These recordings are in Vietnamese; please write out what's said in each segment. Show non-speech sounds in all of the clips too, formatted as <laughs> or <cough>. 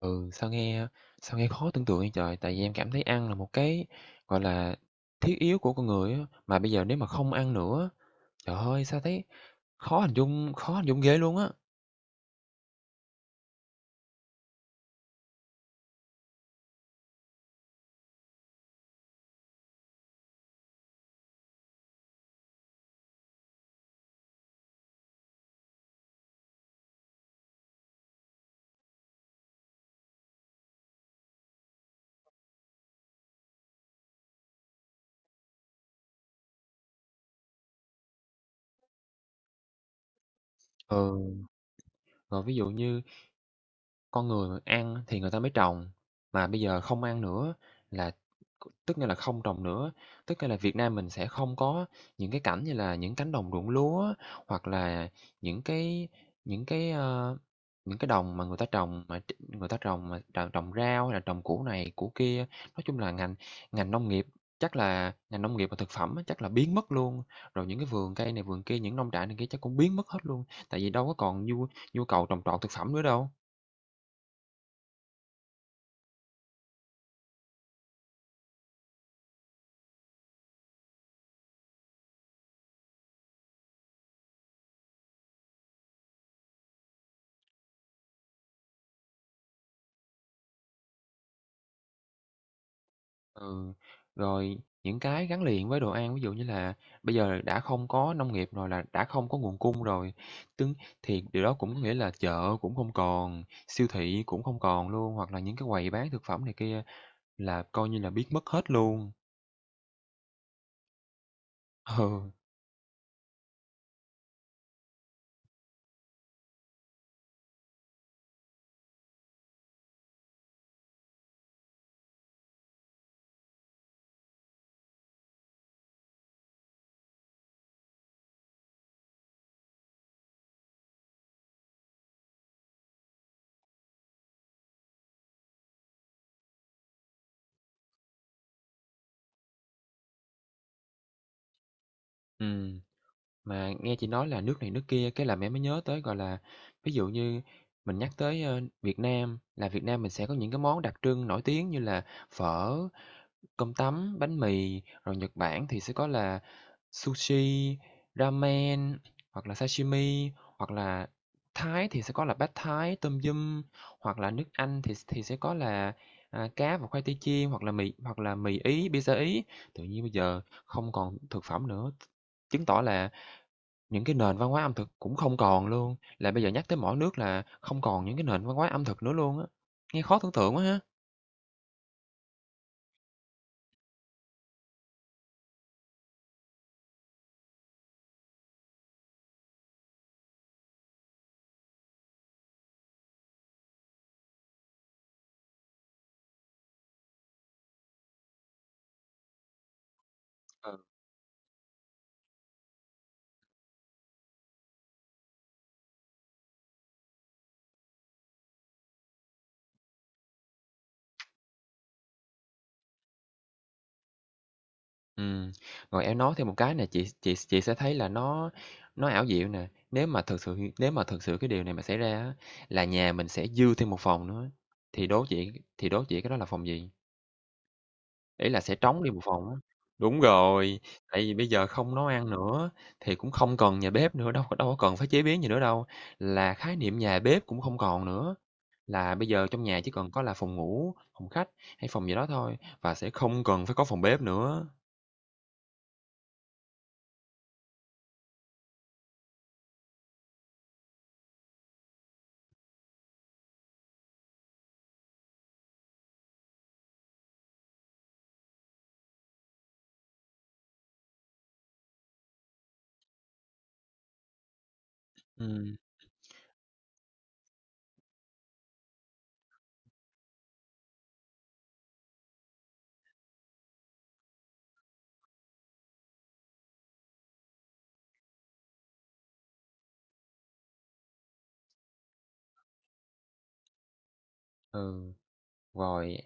Ừ, sao nghe khó tưởng tượng vậy trời? Tại vì em cảm thấy ăn là một cái, gọi là, thiết yếu của con người á, mà bây giờ nếu mà không ăn nữa, trời ơi, sao thấy khó hình dung ghê luôn á. Ừ, rồi ví dụ như con người ăn thì người ta mới trồng, mà bây giờ không ăn nữa là tức nghĩa là không trồng nữa. Tức nghĩa là Việt Nam mình sẽ không có những cái cảnh như là những cánh đồng ruộng lúa, hoặc là những cái những cái, những cái đồng mà người ta trồng mà tr trồng rau hay là trồng củ này củ kia. Nói chung là ngành ngành nông nghiệp, chắc là ngành nông nghiệp và thực phẩm á, chắc là biến mất luôn, rồi những cái vườn cây này vườn kia, những nông trại này kia chắc cũng biến mất hết luôn, tại vì đâu có còn nhu nhu cầu trồng trọt thực phẩm nữa đâu. Ừ, rồi những cái gắn liền với đồ ăn, ví dụ như là bây giờ đã không có nông nghiệp rồi, là đã không có nguồn cung rồi, tương thì điều đó cũng có nghĩa là chợ cũng không còn, siêu thị cũng không còn luôn, hoặc là những cái quầy bán thực phẩm này kia là coi như là biến mất hết luôn. <laughs> Ừ, ừm. Mà nghe chị nói là nước này nước kia, cái là mẹ mới nhớ tới, gọi là, ví dụ như mình nhắc tới, ơ, Việt Nam, là Việt Nam mình sẽ có những cái món đặc trưng nổi tiếng như là phở, cơm tấm, bánh mì, rồi Nhật Bản thì sẽ có là sushi, ramen, hoặc là sashimi, hoặc là Thái thì sẽ có là bát Thái tôm yum, hoặc là nước Anh thì sẽ có là, à, cá và khoai tây chiên, hoặc là mì Ý, pizza Ý. Tự nhiên bây giờ không còn thực phẩm nữa, chứng tỏ là những cái nền văn hóa ẩm thực cũng không còn luôn, là bây giờ nhắc tới mỗi nước là không còn những cái nền văn hóa ẩm thực nữa luôn á. Nghe khó tưởng tượng quá ha! Ừ. Ừm, rồi em nói thêm một cái này chị sẽ thấy là nó ảo diệu nè. Nếu mà thực sự cái điều này mà xảy ra á, là nhà mình sẽ dư thêm một phòng nữa, thì đố chị cái đó là phòng gì? Ý là sẽ trống đi một phòng á. Đúng rồi, tại vì bây giờ không nấu ăn nữa, thì cũng không cần nhà bếp nữa, đâu có cần phải chế biến gì nữa đâu. Là khái niệm nhà bếp cũng không còn nữa, là bây giờ trong nhà chỉ cần có là phòng ngủ, phòng khách hay phòng gì đó thôi, và sẽ không cần phải có phòng bếp nữa. Ừm, ừ. Rồi,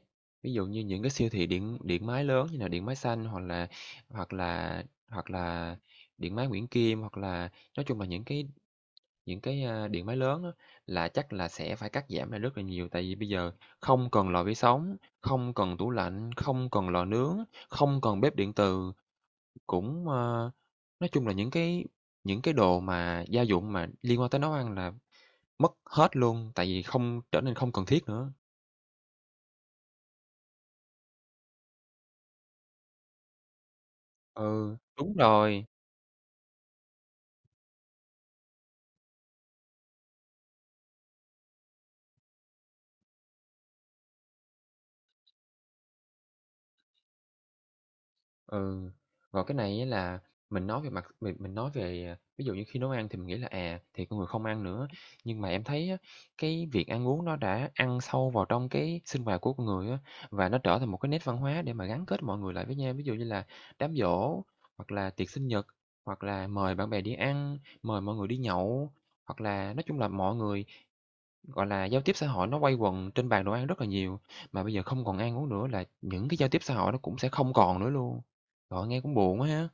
ví dụ như những cái siêu thị điện điện máy lớn như là Điện Máy Xanh, hoặc là hoặc là Điện Máy Nguyễn Kim, hoặc là nói chung là những cái, a, điện máy lớn á, là chắc là sẽ phải cắt giảm lại rất là nhiều. Tại vì bây giờ không cần lò vi sóng, không cần tủ lạnh, không cần lò nướng, không cần bếp điện từ, cũng, nói chung là những cái đồ mà gia dụng mà liên quan tới nấu ăn là mất hết luôn, tại vì không trở nên không cần thiết nữa. Ừ, đúng rồi. Ừ, rồi cái này á là mình nói về, à, ví dụ như khi nấu ăn thì mình nghĩ là, à, thì con người không ăn nữa, nhưng mà em thấy á, cái việc ăn uống nó đã ăn sâu vào trong cái sinh hoạt của con người á, và nó trở thành một cái nét văn hóa để mà gắn kết mọi người lại với nhau. Ví dụ như là đám giỗ, hoặc là tiệc sinh nhật, hoặc là mời bạn bè đi ăn, mời mọi người đi nhậu, hoặc là nói chung là mọi người, gọi là, giao tiếp xã hội nó quay quần trên bàn đồ ăn rất là nhiều, mà bây giờ không còn ăn uống nữa là những cái giao tiếp xã hội nó cũng sẽ không còn nữa luôn. Trời nghe cũng buồn quá ha.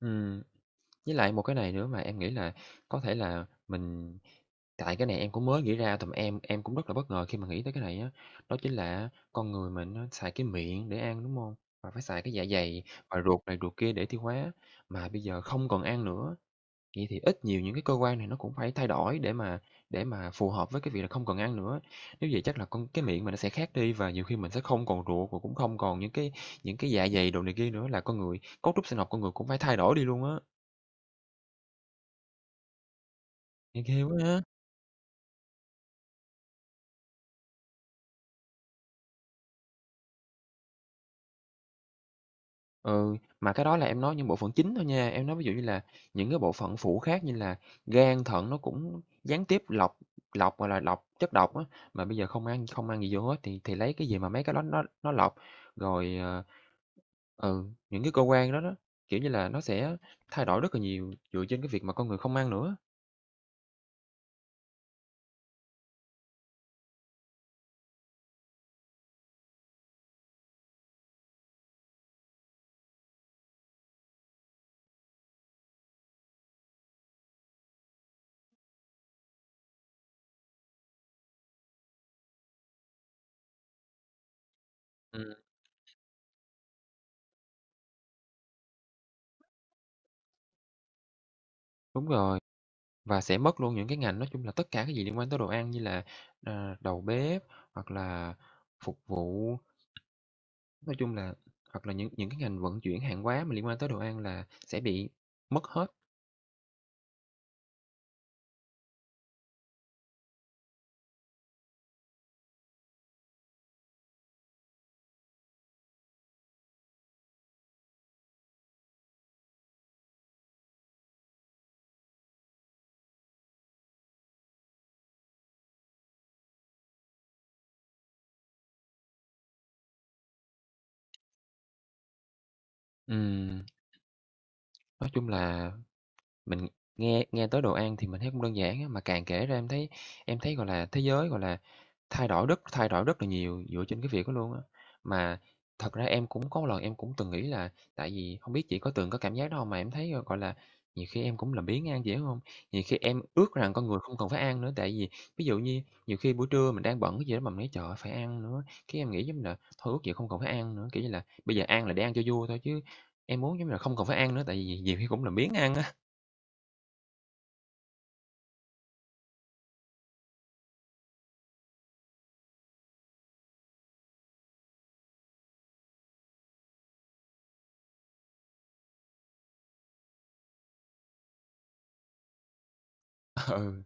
Ừm, với lại một cái này nữa mà em nghĩ là có thể là mình tại cái này em cũng mới nghĩ ra, tụi em cũng rất là bất ngờ khi mà nghĩ tới cái này á, đó chính là con người mình nó xài cái miệng để ăn, đúng không? Và phải xài cái dạ dày và ruột này ruột kia để tiêu hóa, mà bây giờ không còn ăn nữa. Vậy thì ít nhiều những cái cơ quan này nó cũng phải thay đổi để mà phù hợp với cái việc là không cần ăn nữa. Nếu vậy chắc là cái miệng mình nó sẽ khác đi, và nhiều khi mình sẽ không còn ruột và cũng không còn những cái dạ dày đồ này kia nữa, là con người cấu trúc sinh học con người cũng phải thay đổi đi luôn á. Nghe ghê quá ha! Ừ, mà cái đó là em nói những bộ phận chính thôi nha, em nói ví dụ như là những cái bộ phận phụ khác như là gan, thận nó cũng gián tiếp lọc lọc, gọi là, lọc chất độc á, mà bây giờ không ăn gì vô hết thì lấy cái gì mà mấy cái đó nó lọc. Rồi, ờ, Ừ, những cái cơ quan đó đó, kiểu như là, nó sẽ thay đổi rất là nhiều dựa trên cái việc mà con người không ăn nữa. Ừm. Đúng rồi, và sẽ mất luôn những cái ngành, nói chung là tất cả cái gì liên quan tới đồ ăn như là, ờ, đầu bếp, hoặc là phục vụ, nói chung là hoặc là những cái ngành vận chuyển hàng hóa mà liên quan tới đồ ăn là sẽ bị mất hết. Ừm, nói chung là mình nghe nghe tới đồ ăn thì mình thấy cũng đơn giản á, mà càng kể ra em thấy, gọi là, thế giới, gọi là, thay đổi rất là nhiều dựa trên cái việc đó luôn á. Mà thật ra em cũng có một lần em cũng từng nghĩ là, tại vì không biết chị có từng có cảm giác đó không? Mà em thấy, ờ, gọi là, nhiều khi em cũng làm biếng ăn, chị hiểu hông? Nhiều khi em ước rằng con người không cần phải ăn nữa, tại vì ví dụ như nhiều khi buổi trưa mình đang bận cái gì đó mà mình nói "Trời ơi, phải ăn nữa", cái em nghĩ giống như là thôi ước gì không cần phải ăn nữa, kiểu như là, bây giờ ăn là để ăn cho vui thôi, chứ em muốn giống như là không cần phải ăn nữa, tại vì nhiều khi cũng làm biếng ăn á. Ừ,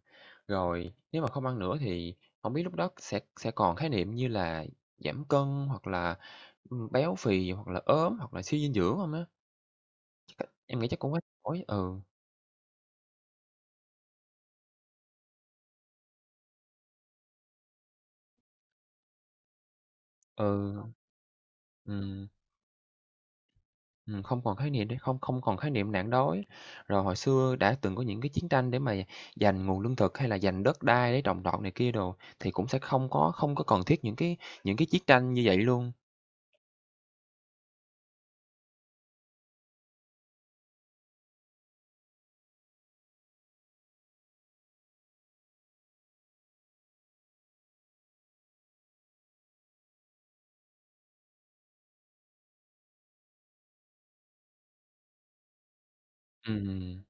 rồi nếu mà không ăn nữa thì không biết lúc đó sẽ còn khái niệm như là giảm cân hoặc là, béo phì hoặc là ốm hoặc là suy dinh dưỡng hông á? Chắc em nghĩ chắc cũng quá đổi. Ừ, ừ, ờ. Ừm, không còn khái niệm để không không còn khái niệm nạn đói. Rồi hồi xưa đã từng có những cái chiến tranh để mà giành nguồn lương thực, hay là giành đất đai để trồng trọt này kia đồ, thì cũng sẽ không có cần thiết những cái chiến tranh như vậy luôn. Ừm.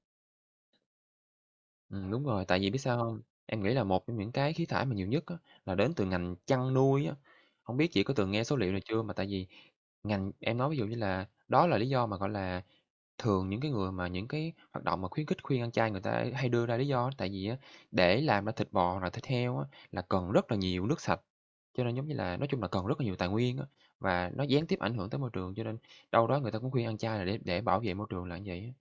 Đúng rồi, tại vì biết sao không? Em nghĩ là một trong những cái khí thải mà nhiều nhất á, là đến từ ngành chăn nuôi á. Không biết chị có từng nghe số liệu này chưa? Mà tại vì ngành em nói ví dụ như là đó là lý do mà, gọi là, thường những cái người mà những cái hoạt động mà khuyến khích khuyên ăn chay, người ta hay đưa ra lý do á, tại vì á, để làm ra thịt bò hoặc là thịt heo á, là cần rất là nhiều nước sạch, cho nên giống như là nói chung là cần rất là nhiều tài nguyên á, và nó gián tiếp ảnh hưởng tới môi trường, cho nên đâu đó người ta cũng khuyên ăn chay là để bảo vệ môi trường là như vậy á.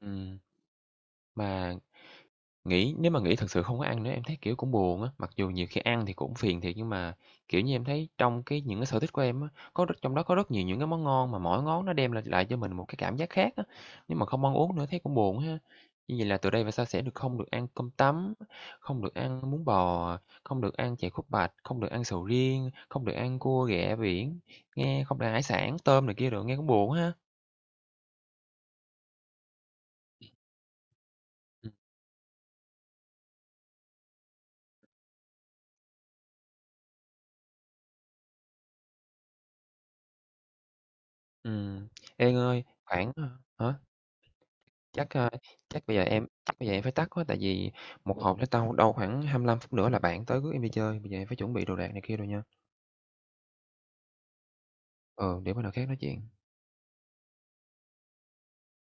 Ừm, mà nghĩ nếu mà nghĩ thật sự không có ăn nữa em thấy, kiểu, cũng buồn á, mặc dù nhiều khi ăn thì cũng phiền thiệt nhưng mà, kiểu như, em thấy trong cái những cái sở thích của em á, có rất trong đó có rất nhiều những cái món ngon mà mỗi ngón nó đem lại lại cho mình một cái cảm giác khác á, nếu mà không ăn uống nữa thấy cũng buồn ha. Như vậy là từ đây về sau sẽ được không được ăn cơm tấm, không được ăn bún bò, không được ăn chè khúc bạch, không được ăn sầu riêng, không được ăn cua ghẹ biển, nghe không được ăn hải sản, tôm này kia đồ nghe cũng buồn ha. Ừm, ừm. Ê, Ngơi, khoảng, ờ, hả? Chắc, a, chắc bây giờ em phải tắt quá, tại vì một hộp nó tao đâu khoảng 25 phút nữa là bạn tới rước em đi chơi, bây giờ em phải chuẩn bị đồ đạc này kia rồi nha. Ờ để bữa nào khác nói chuyện.